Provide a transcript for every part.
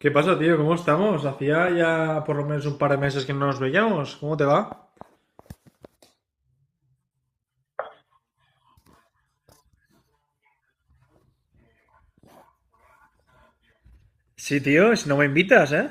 ¿Qué pasa, tío? ¿Cómo estamos? Hacía ya por lo menos un par de meses que no nos veíamos. ¿Cómo te va? Sí, tío, si no me invitas, ¿eh?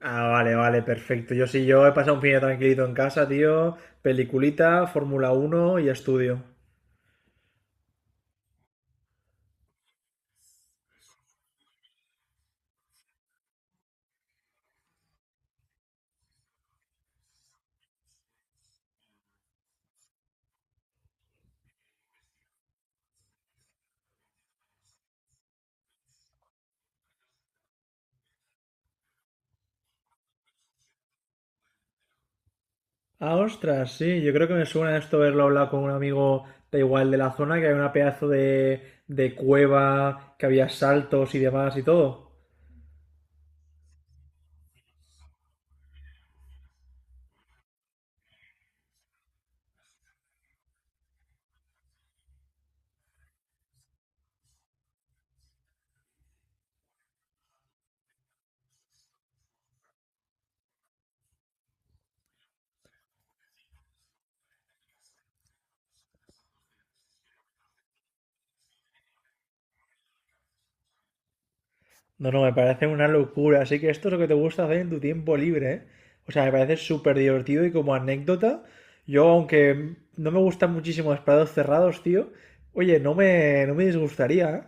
Ah, vale, vale, perfecto. Yo sí, yo he pasado un fin de tranquilito en casa, tío. Peliculita, Fórmula Uno y estudio. Ah, ostras, sí, yo creo que me suena esto haberlo hablado con un amigo da igual de la zona, que hay una pedazo de cueva, que había saltos y demás y todo. No, no, me parece una locura. Así que esto es lo que te gusta hacer en tu tiempo libre, ¿eh? O sea, me parece súper divertido y como anécdota, yo aunque no me gustan muchísimo los prados cerrados, tío, oye, no me disgustaría, ¿eh?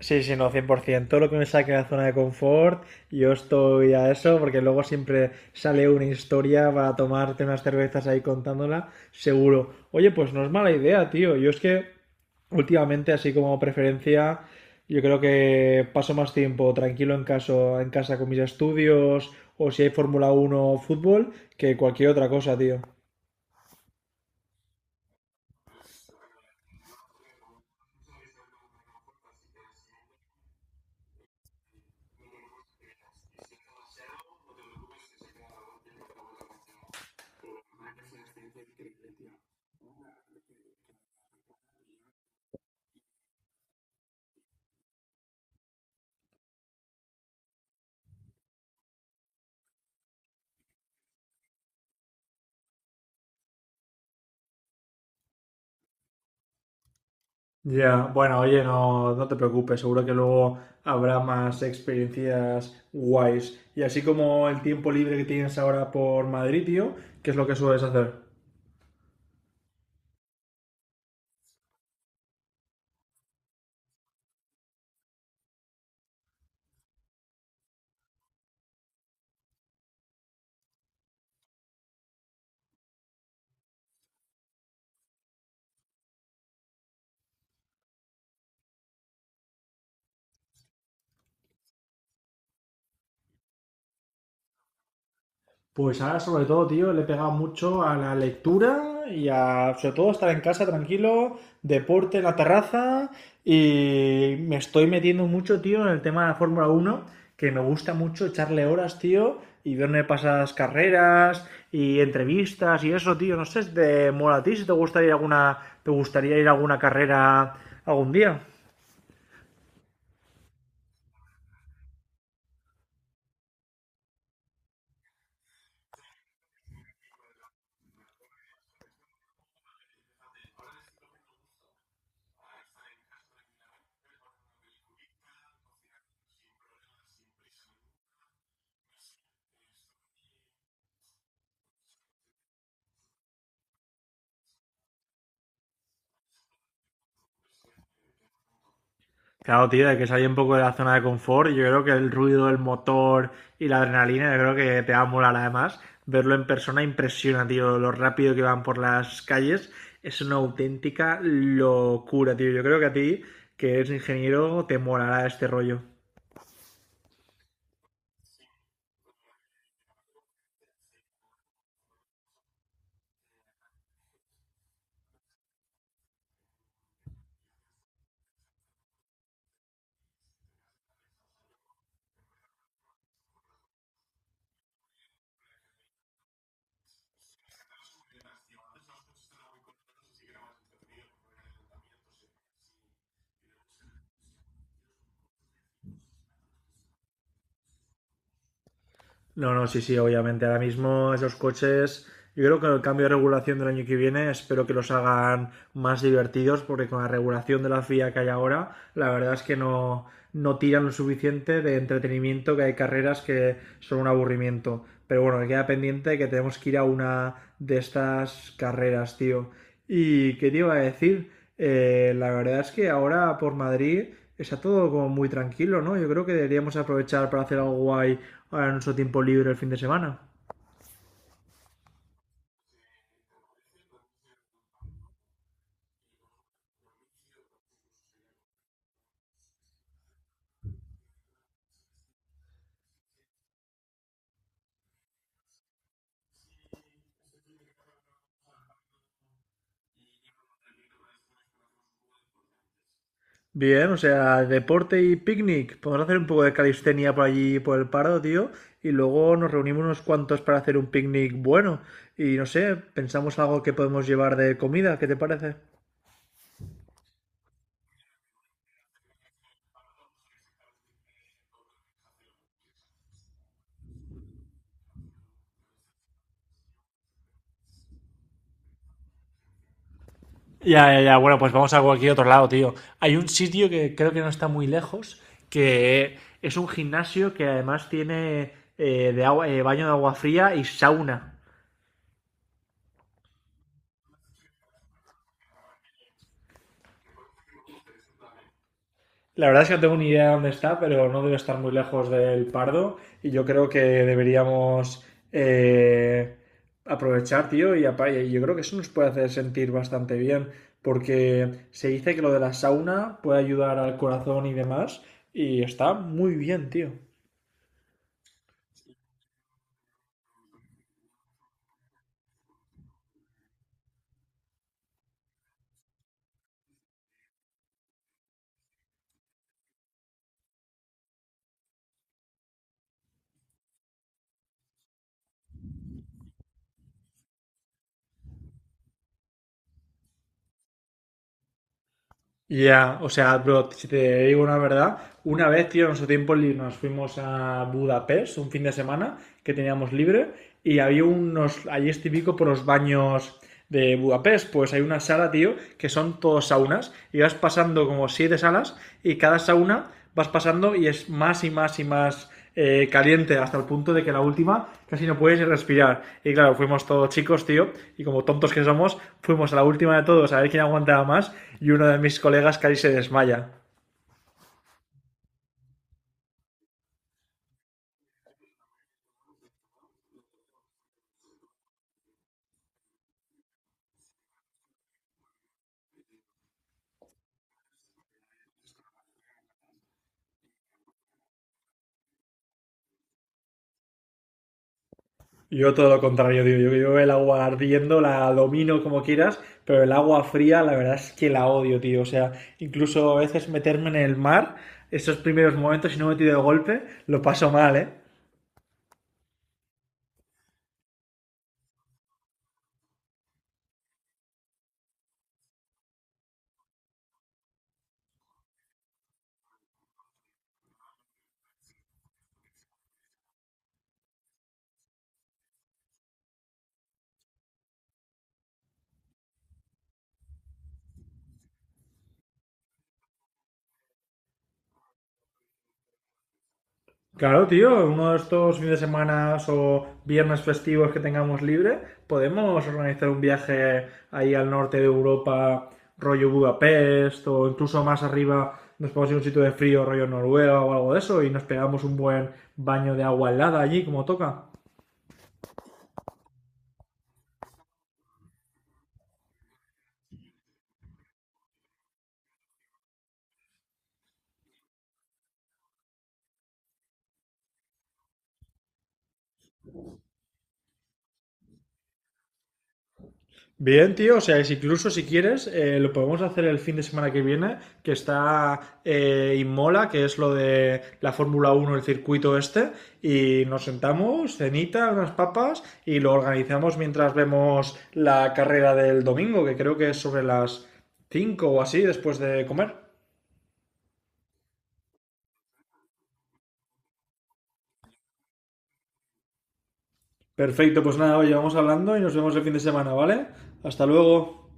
Sí, sí, no, 100%. Todo lo que me saque de la zona de confort, yo estoy a eso, porque luego siempre sale una historia para tomarte unas cervezas ahí contándola, seguro. Oye, pues no es mala idea, tío. Yo es que últimamente, así como preferencia, yo creo que paso más tiempo tranquilo en, caso, en casa con mis estudios o si hay Fórmula uno, o fútbol que cualquier otra cosa, tío. Ya, bueno, oye, no, no te preocupes, seguro que luego habrá más experiencias guays. Y así como el tiempo libre que tienes ahora por Madrid, tío, ¿qué es lo que sueles hacer? Pues ahora sobre todo, tío, le he pegado mucho a la lectura y a sobre todo estar en casa tranquilo, deporte en la terraza y me estoy metiendo mucho, tío, en el tema de la Fórmula Uno que me gusta mucho echarle horas, tío, y verme pasadas carreras y entrevistas y eso, tío, no sé, de mola a ti si te gustaría ir alguna te gustaría ir a alguna carrera algún día. Claro, tío, de que salí un poco de la zona de confort. Yo creo que el ruido, el motor y la adrenalina, yo creo que te va a molar además. Verlo en persona impresiona, tío, lo rápido que van por las calles. Es una auténtica locura, tío. Yo creo que a ti, que eres ingeniero, te molará este rollo. No, no, sí, sí, obviamente. Ahora mismo esos coches, yo creo que el cambio de regulación del año que viene, espero que los hagan más divertidos, porque con la regulación de la FIA que hay ahora, la verdad es que no, no tiran lo suficiente de entretenimiento, que hay carreras que son un aburrimiento. Pero bueno, me queda pendiente que tenemos que ir a una de estas carreras, tío. ¿Y qué te iba a decir? La verdad es que ahora por Madrid está todo como muy tranquilo, ¿no? Yo creo que deberíamos aprovechar para hacer algo guay ahora en nuestro tiempo libre el fin de semana. Bien, o sea, deporte y picnic. Podemos hacer un poco de calistenia por allí, por el Pardo, tío. Y luego nos reunimos unos cuantos para hacer un picnic bueno. Y no sé, pensamos algo que podemos llevar de comida. ¿Qué te parece? Ya, ya, ya. Bueno, pues vamos a cualquier otro lado, tío. Hay un sitio que creo que no está muy lejos, que es un gimnasio que además tiene de agua- baño de agua fría y sauna. La verdad es que no tengo ni idea de dónde está, pero no debe estar muy lejos del Pardo y yo creo que deberíamos eh, aprovechar, tío, y apa- y yo creo que eso nos puede hacer sentir bastante bien, porque se dice que lo de la sauna puede ayudar al corazón y demás, y está muy bien, tío. Ya, o sea, bro, si te digo una verdad, una vez, tío, en nuestro tiempo libre nos fuimos a Budapest un fin de semana que teníamos libre y había unos, ahí es típico por los baños de Budapest, pues hay una sala, tío, que son todos saunas y vas pasando como siete salas y cada sauna vas pasando y es más y más y más caliente hasta el punto de que la última casi no puedes respirar. Y claro, fuimos todos chicos, tío, y como tontos que somos, fuimos a la última de todos a ver quién aguantaba más y uno de mis colegas casi se desmaya. Yo todo lo contrario, tío. Yo el agua ardiendo la domino como quieras, pero el agua fría la verdad es que la odio, tío. O sea, incluso a veces meterme en el mar, esos primeros momentos, si no me tiro de golpe, lo paso mal, ¿eh? Claro, tío, uno de estos fines de semana o viernes festivos que tengamos libre, podemos organizar un viaje ahí al norte de Europa, rollo Budapest, o incluso más arriba nos podemos ir a un sitio de frío, rollo Noruega o algo de eso, y nos pegamos un buen baño de agua helada allí, como toca. Bien, tío, o sea, es incluso si quieres, lo podemos hacer el fin de semana que viene, que está Inmola, que es lo de la Fórmula Uno el circuito este, y nos sentamos, cenita, unas papas, y lo organizamos mientras vemos la carrera del domingo, que creo que es sobre las 5 o así, después de comer. Perfecto, pues nada, oye, vamos hablando y nos vemos el fin de semana, ¿vale? Hasta luego.